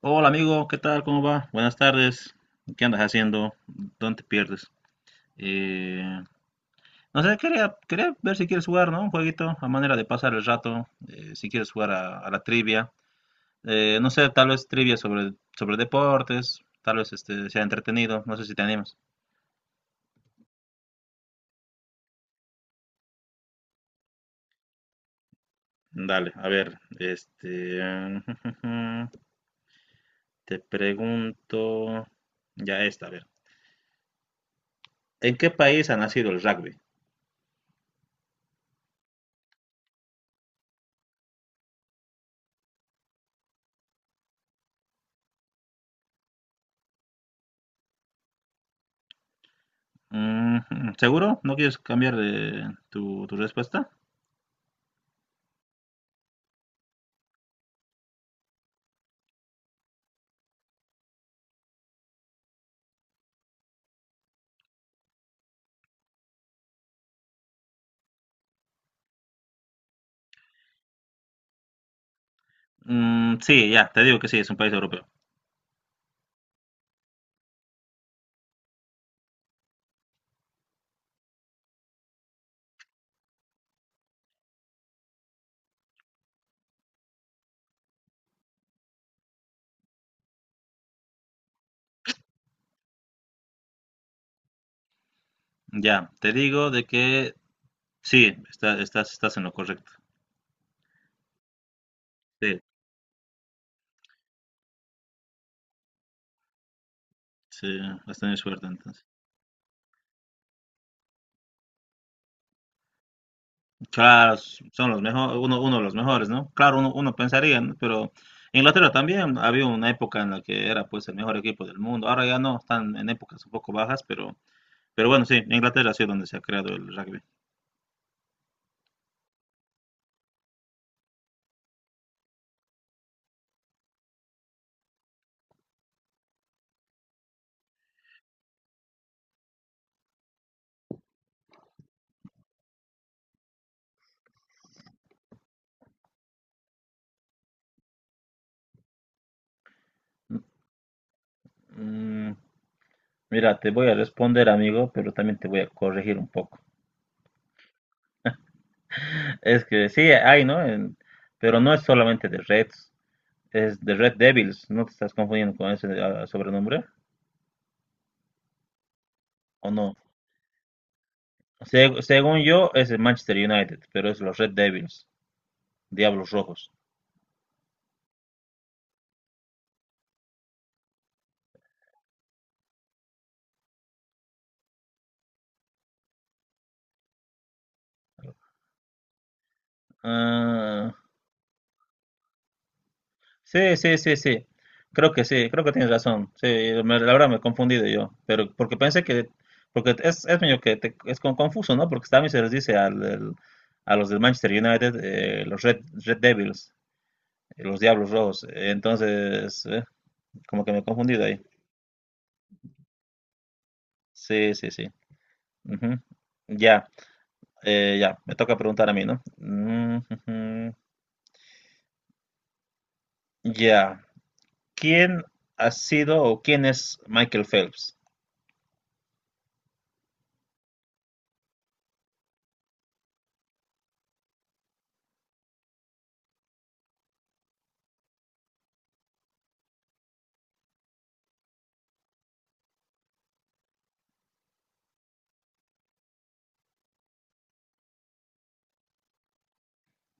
Hola amigo, ¿qué tal? ¿Cómo va? Buenas tardes. ¿Qué andas haciendo? ¿Dónde te pierdes? Eh, no sé, quería ver si quieres jugar, ¿no? Un jueguito a manera de pasar el rato, si quieres jugar a la trivia. No sé, tal vez trivia sobre deportes, tal vez este, sea entretenido, no sé si te animas. Dale, a ver, este, te pregunto ya esta, a ver. ¿En qué país ha nacido el rugby? Ujú. ¿Seguro? ¿No quieres cambiar tu respuesta? Mm, sí, ya, te digo que sí, es un país europeo. Ya, te digo de que sí, estás en lo correcto. Sí, sí, has tenido suerte entonces. Claro, son los mejores, uno de los mejores, ¿no? Claro, uno pensaría, ¿no? Pero Inglaterra también había una época en la que era pues el mejor equipo del mundo. Ahora ya no, están en épocas un poco bajas, pero bueno, sí, Inglaterra ha sido donde se ha creado el rugby. Mm, mira, te voy a responder, amigo, pero también te voy a corregir un poco. Es que sí, hay, ¿no? En, pero no es solamente de Reds, es de Red Devils. ¿No te estás confundiendo con ese ah, sobrenombre? ¿O no? Según yo, es el Manchester United, pero es los Red Devils, Diablos Rojos. Ah, sí, sí, sí, sí. Creo que sí, creo que tienes razón. Sí, la verdad me he confundido yo, pero porque pensé que, porque es medio que es como confuso, ¿no? Porque también se les dice a los del Manchester United, los Red Devils, los Diablos Rojos. Entonces, como que me he confundido ahí. Sí, sí, sí. Ujú. Ya, ya, me toca preguntar a mí, ¿no? Mm, ujú. Ya, ¿quién ha sido o quién es Michael Phelps?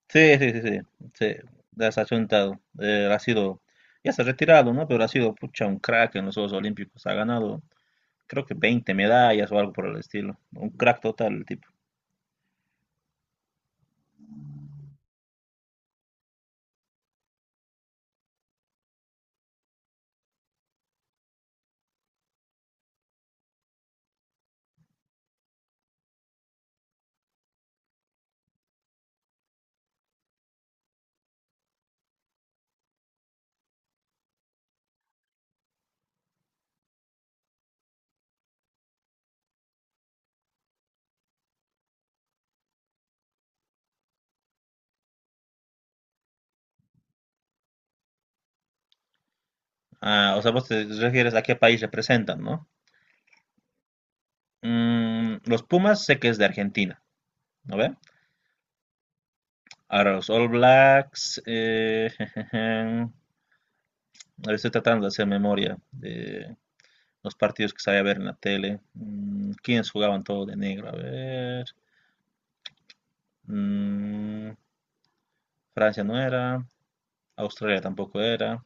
Sí, sí, sí, sí, sí, desachuntado. Ha sido, ya se ha retirado, ¿no? Pero ha sido, pucha, un crack en los Juegos Olímpicos. Ha ganado, creo que 20 medallas o algo por el estilo. Un crack total el tipo. Ah, o sea, vos te refieres a qué país representan, ¿no? Mm, los Pumas sé que es de Argentina, ¿no ve? Ahora los All Blacks, ahora estoy tratando de hacer memoria de los partidos que sabía ver en la tele. Mm, ¿quiénes jugaban todo de negro? A ver. Mm, Francia no era, Australia tampoco era,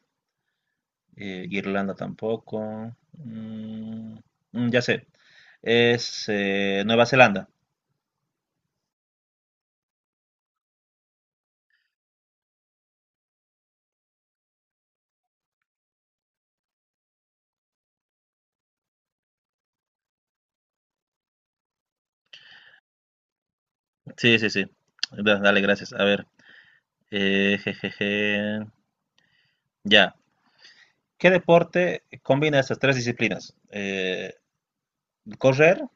Irlanda tampoco. mm, ya sé, es Nueva Zelanda. Sí, sí, sí. Dale, gracias. A ver, jejeje, ya. ¿Qué deporte combina estas tres disciplinas? Correr,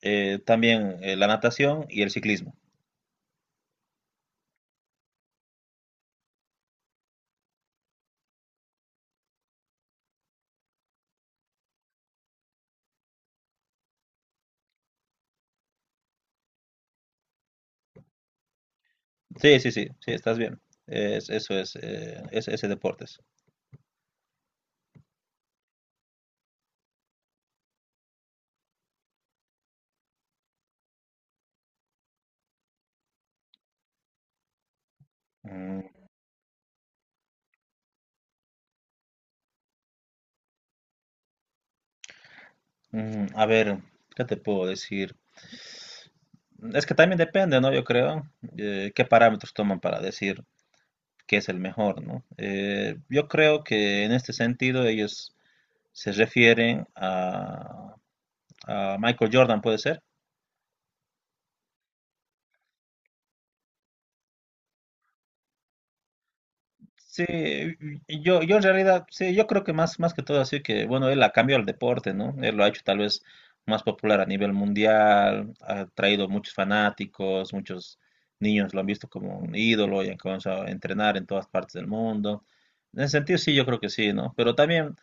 también la natación y el ciclismo. Sí, sí, sí, sí, estás bien. Eso es, ese deporte es. Mm, a ver, ¿qué te puedo decir? Es que también depende, ¿no? Yo creo qué parámetros toman para decir qué es el mejor, ¿no? Yo creo que en este sentido ellos se refieren a Michael Jordan, puede ser. Sí, yo en realidad, sí, yo creo que más, más que todo así que, bueno, él ha cambiado el deporte, ¿no? Él lo ha hecho tal vez más popular a nivel mundial, ha traído muchos fanáticos, muchos niños lo han visto como un ídolo y han comenzado a entrenar en todas partes del mundo. En ese sentido, sí, yo creo que sí, ¿no? Pero también,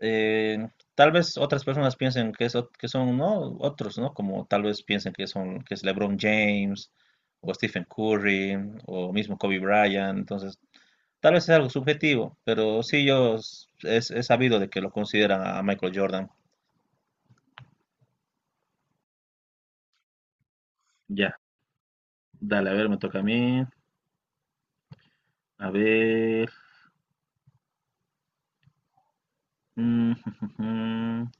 eh, tal vez otras personas piensen que, que son, ¿no? Otros, ¿no? Como tal vez piensen que son, que es LeBron James o Stephen Curry o mismo Kobe Bryant, entonces... Tal vez es algo subjetivo, pero sí yo es, he sabido de que lo consideran a Michael Jordan. Ya, dale, a ver, me toca a mí. A ver. Mm,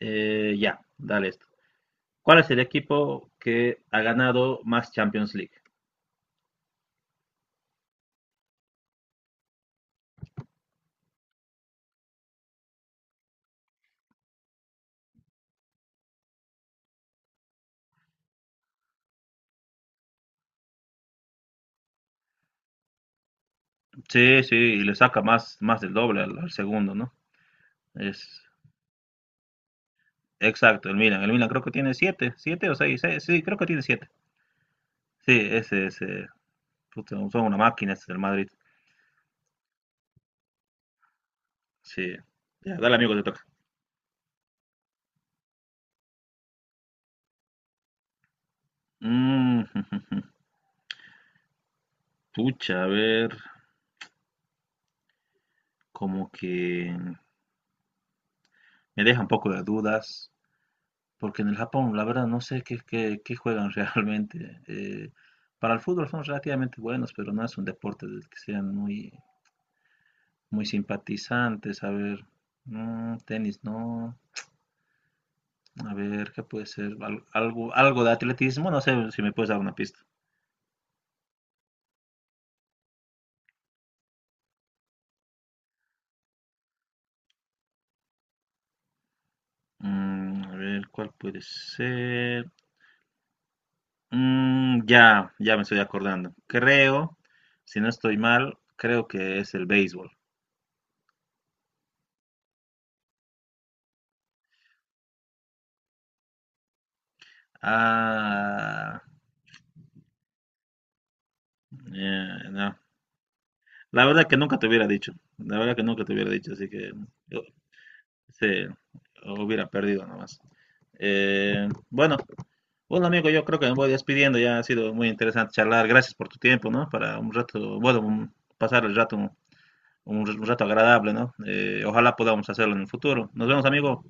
ya, dale esto. ¿Cuál es el equipo que ha ganado más Champions League? Sí, sí, y le saca más, más del doble al segundo, ¿no? Es exacto, el Milan. El Milan creo que tiene siete, siete o seis, seis, sí, creo que tiene siete. Sí, ese, puta, son una máquina, este del Madrid. Sí, ya, dale, amigo, te toca. Mm, pucha, a ver, como que me deja un poco de dudas, porque en el Japón, la verdad, no sé qué, qué, qué juegan realmente. Para el fútbol son relativamente buenos, pero no es un deporte del que sean muy, muy simpatizantes. A ver, mm, tenis, no. A ver, ¿qué puede ser? Algo, algo de atletismo, no sé si me puedes dar una pista. Mm, a ver, ¿cuál puede ser? Mm, ya, ya me estoy acordando. Creo, si no estoy mal, creo que es el béisbol. Ah, no. La verdad que nunca te hubiera dicho. La verdad que nunca te hubiera dicho, así que yo, sí, hubiera perdido nomás. Bueno, bueno amigo, yo creo que me voy despidiendo. Ya ha sido muy interesante charlar. Gracias por tu tiempo, ¿no? Para un rato, bueno, pasar el rato, un rato agradable, ¿no? Ojalá podamos hacerlo en el futuro. Nos vemos, amigo.